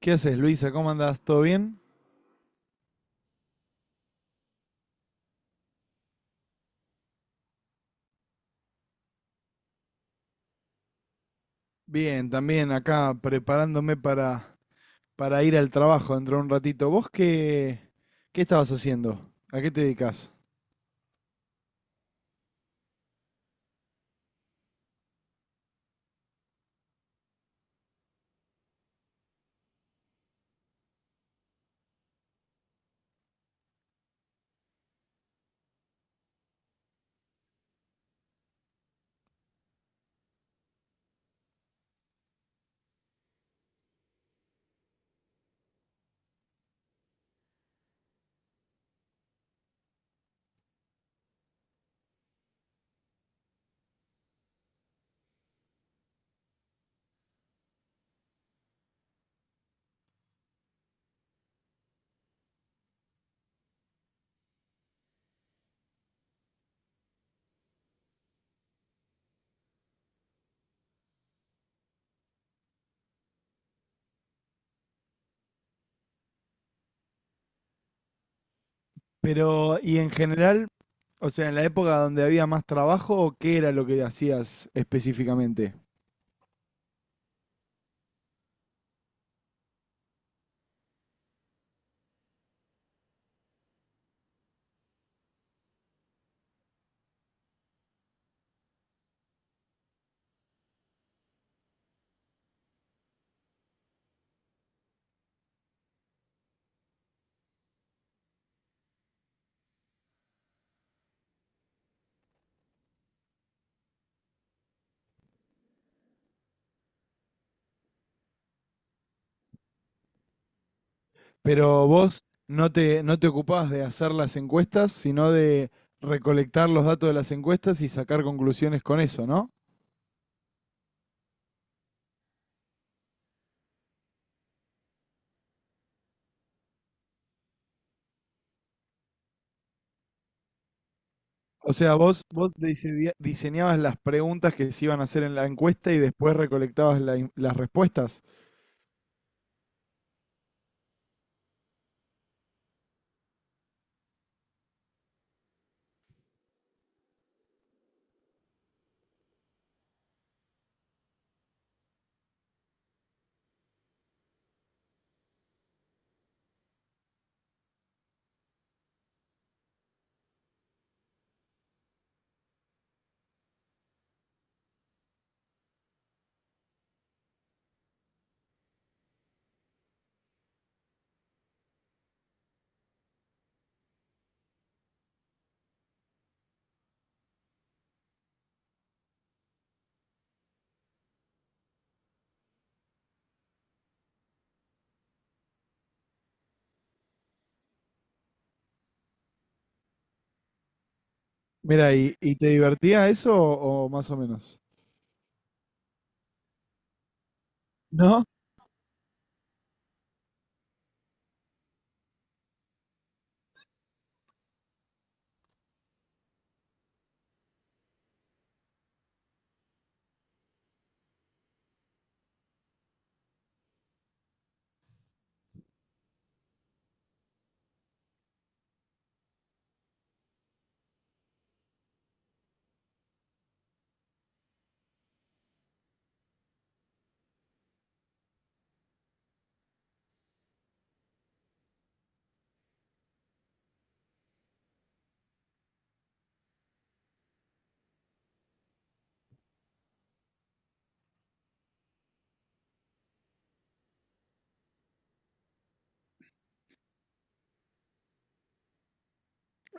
¿Qué haces, Luisa? ¿Cómo andás? ¿Todo bien? Bien, también acá preparándome para ir al trabajo dentro de un ratito. ¿Vos qué estabas haciendo? ¿A qué te dedicas? Pero, y en general, o sea, en la época donde había más trabajo, ¿qué era lo que hacías específicamente? Pero vos no te ocupabas de hacer las encuestas, sino de recolectar los datos de las encuestas y sacar conclusiones con eso, ¿no? O sea, vos diseñabas las preguntas que se iban a hacer en la encuesta y después recolectabas las respuestas. Mira, ¿y te divertía eso o más o menos? No,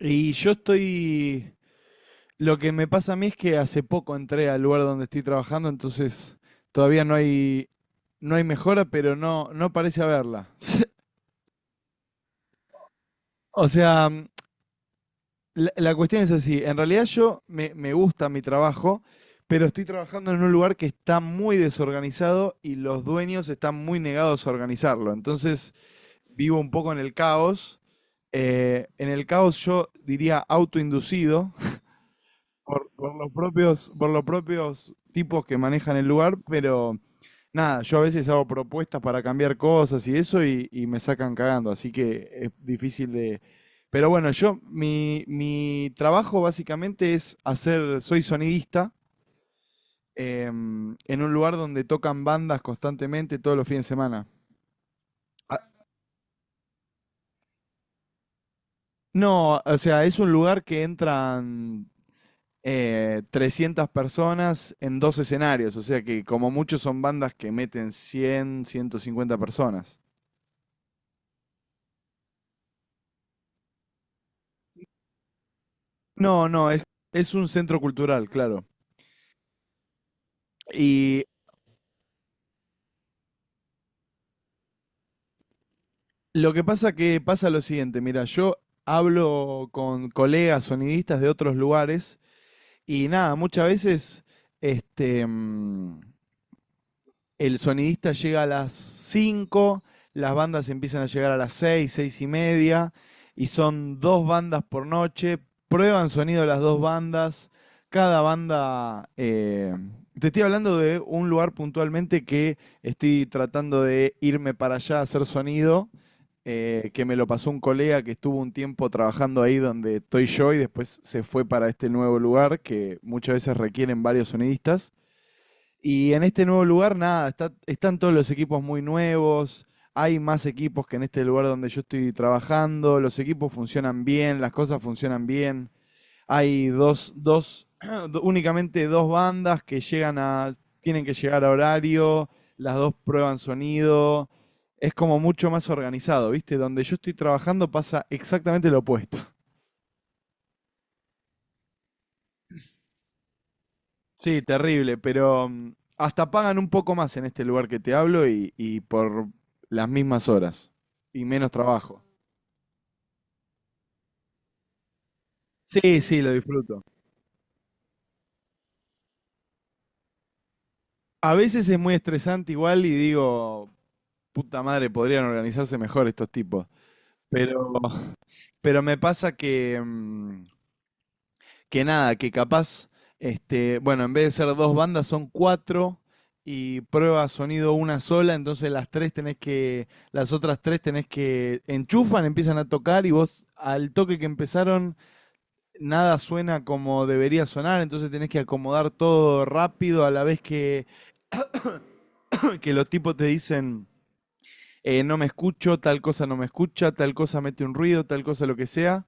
y yo estoy... Lo que me pasa a mí es que hace poco entré al lugar donde estoy trabajando, entonces todavía no hay mejora, pero no, no parece haberla. O sea, la cuestión es así. En realidad me gusta mi trabajo, pero estoy trabajando en un lugar que está muy desorganizado y los dueños están muy negados a organizarlo. Entonces vivo un poco en el caos. En el caos yo diría autoinducido, por los propios tipos que manejan el lugar, pero nada, yo a veces hago propuestas para cambiar cosas y eso y me sacan cagando, así que es difícil de... Pero bueno, yo, mi trabajo básicamente es hacer, soy sonidista, en un lugar donde tocan bandas constantemente todos los fines de semana. Ah, no, o sea, es un lugar que entran, 300 personas en dos escenarios, o sea que como mucho son bandas que meten cien, ciento cincuenta personas. No, no, es un centro cultural, claro. Y lo que pasa lo siguiente, mira, yo hablo con colegas sonidistas de otros lugares y nada, muchas veces este, mm, el sonidista llega a las 5, las bandas empiezan a llegar a las 6, 6 y media, y son dos bandas por noche, prueban sonido las dos bandas, cada banda... te estoy hablando de un lugar puntualmente que estoy tratando de irme para allá a hacer sonido, que me lo pasó un colega que estuvo un tiempo trabajando ahí donde estoy yo y después se fue para este nuevo lugar que muchas veces requieren varios sonidistas. Y en este nuevo lugar, nada, están todos los equipos muy nuevos, hay más equipos que en este lugar donde yo estoy trabajando, los equipos funcionan bien, las cosas funcionan bien, hay dos únicamente dos bandas que llegan a, tienen que llegar a horario, las dos prueban sonido, es como mucho más organizado, ¿viste? Donde yo estoy trabajando pasa exactamente lo opuesto. Sí, terrible, pero hasta pagan un poco más en este lugar que te hablo y por las mismas horas y menos trabajo. Sí, sí, lo disfruto. A veces es muy estresante igual y digo, puta madre, podrían organizarse mejor estos tipos. Pero, pero me pasa que nada, que capaz, bueno, en vez de ser dos bandas son cuatro y prueba sonido una sola, entonces las otras tres tenés que enchufan, empiezan a tocar y vos al toque que empezaron nada suena como debería sonar, entonces tenés que acomodar todo rápido a la vez que los tipos te dicen, no me escucho, tal cosa no me escucha, tal cosa mete un ruido, tal cosa lo que sea.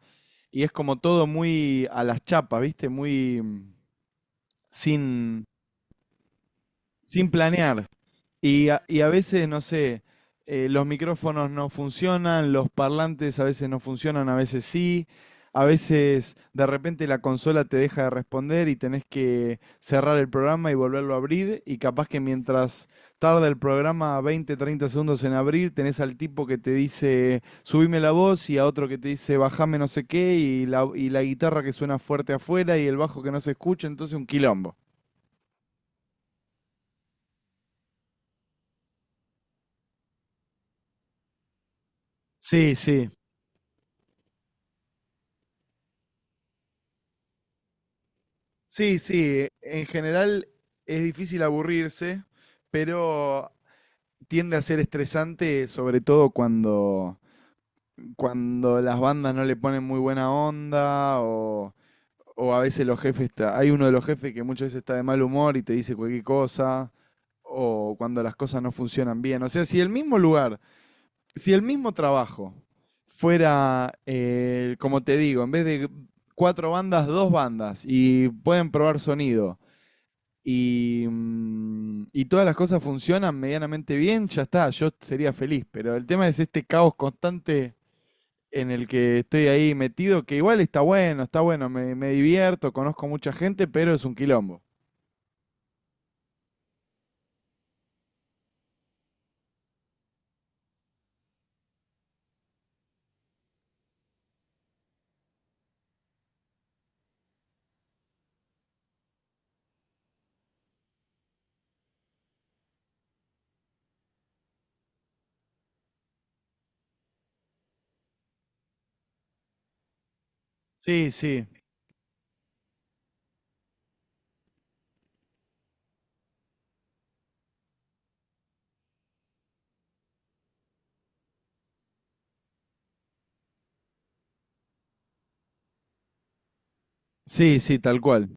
Y es como todo muy a las chapas, ¿viste? Muy, sin, sin planear. Y a veces, no sé, los micrófonos no funcionan, los parlantes a veces no funcionan, a veces sí. A veces de repente la consola te deja de responder y tenés que cerrar el programa y volverlo a abrir. Y capaz que mientras tarda el programa 20, 30 segundos en abrir, tenés al tipo que te dice subime la voz y a otro que te dice bajame no sé qué y la guitarra que suena fuerte afuera y el bajo que no se escucha. Entonces un quilombo. Sí, sí. Sí, sí, en general es difícil aburrirse, pero tiende a ser estresante, sobre todo cuando las bandas no le ponen muy buena onda o a veces los jefes, está, hay uno de los jefes que muchas veces está de mal humor y te dice cualquier cosa, o cuando las cosas no funcionan bien. O sea, si el mismo lugar, si el mismo trabajo fuera, como te digo, en vez de cuatro bandas, dos bandas y pueden probar sonido y, y todas las cosas funcionan medianamente bien, ya está, yo sería feliz, pero el tema es este caos constante en el que estoy ahí metido, que igual está bueno, me divierto, conozco mucha gente, pero es un quilombo. Sí, sí, sí, sí, tal cual.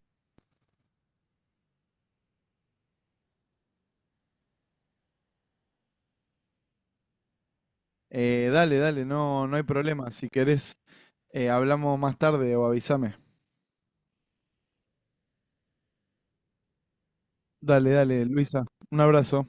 Dale, dale, no, no hay problema, si querés, hablamos más tarde o avísame. Dale, dale, Luisa, un abrazo.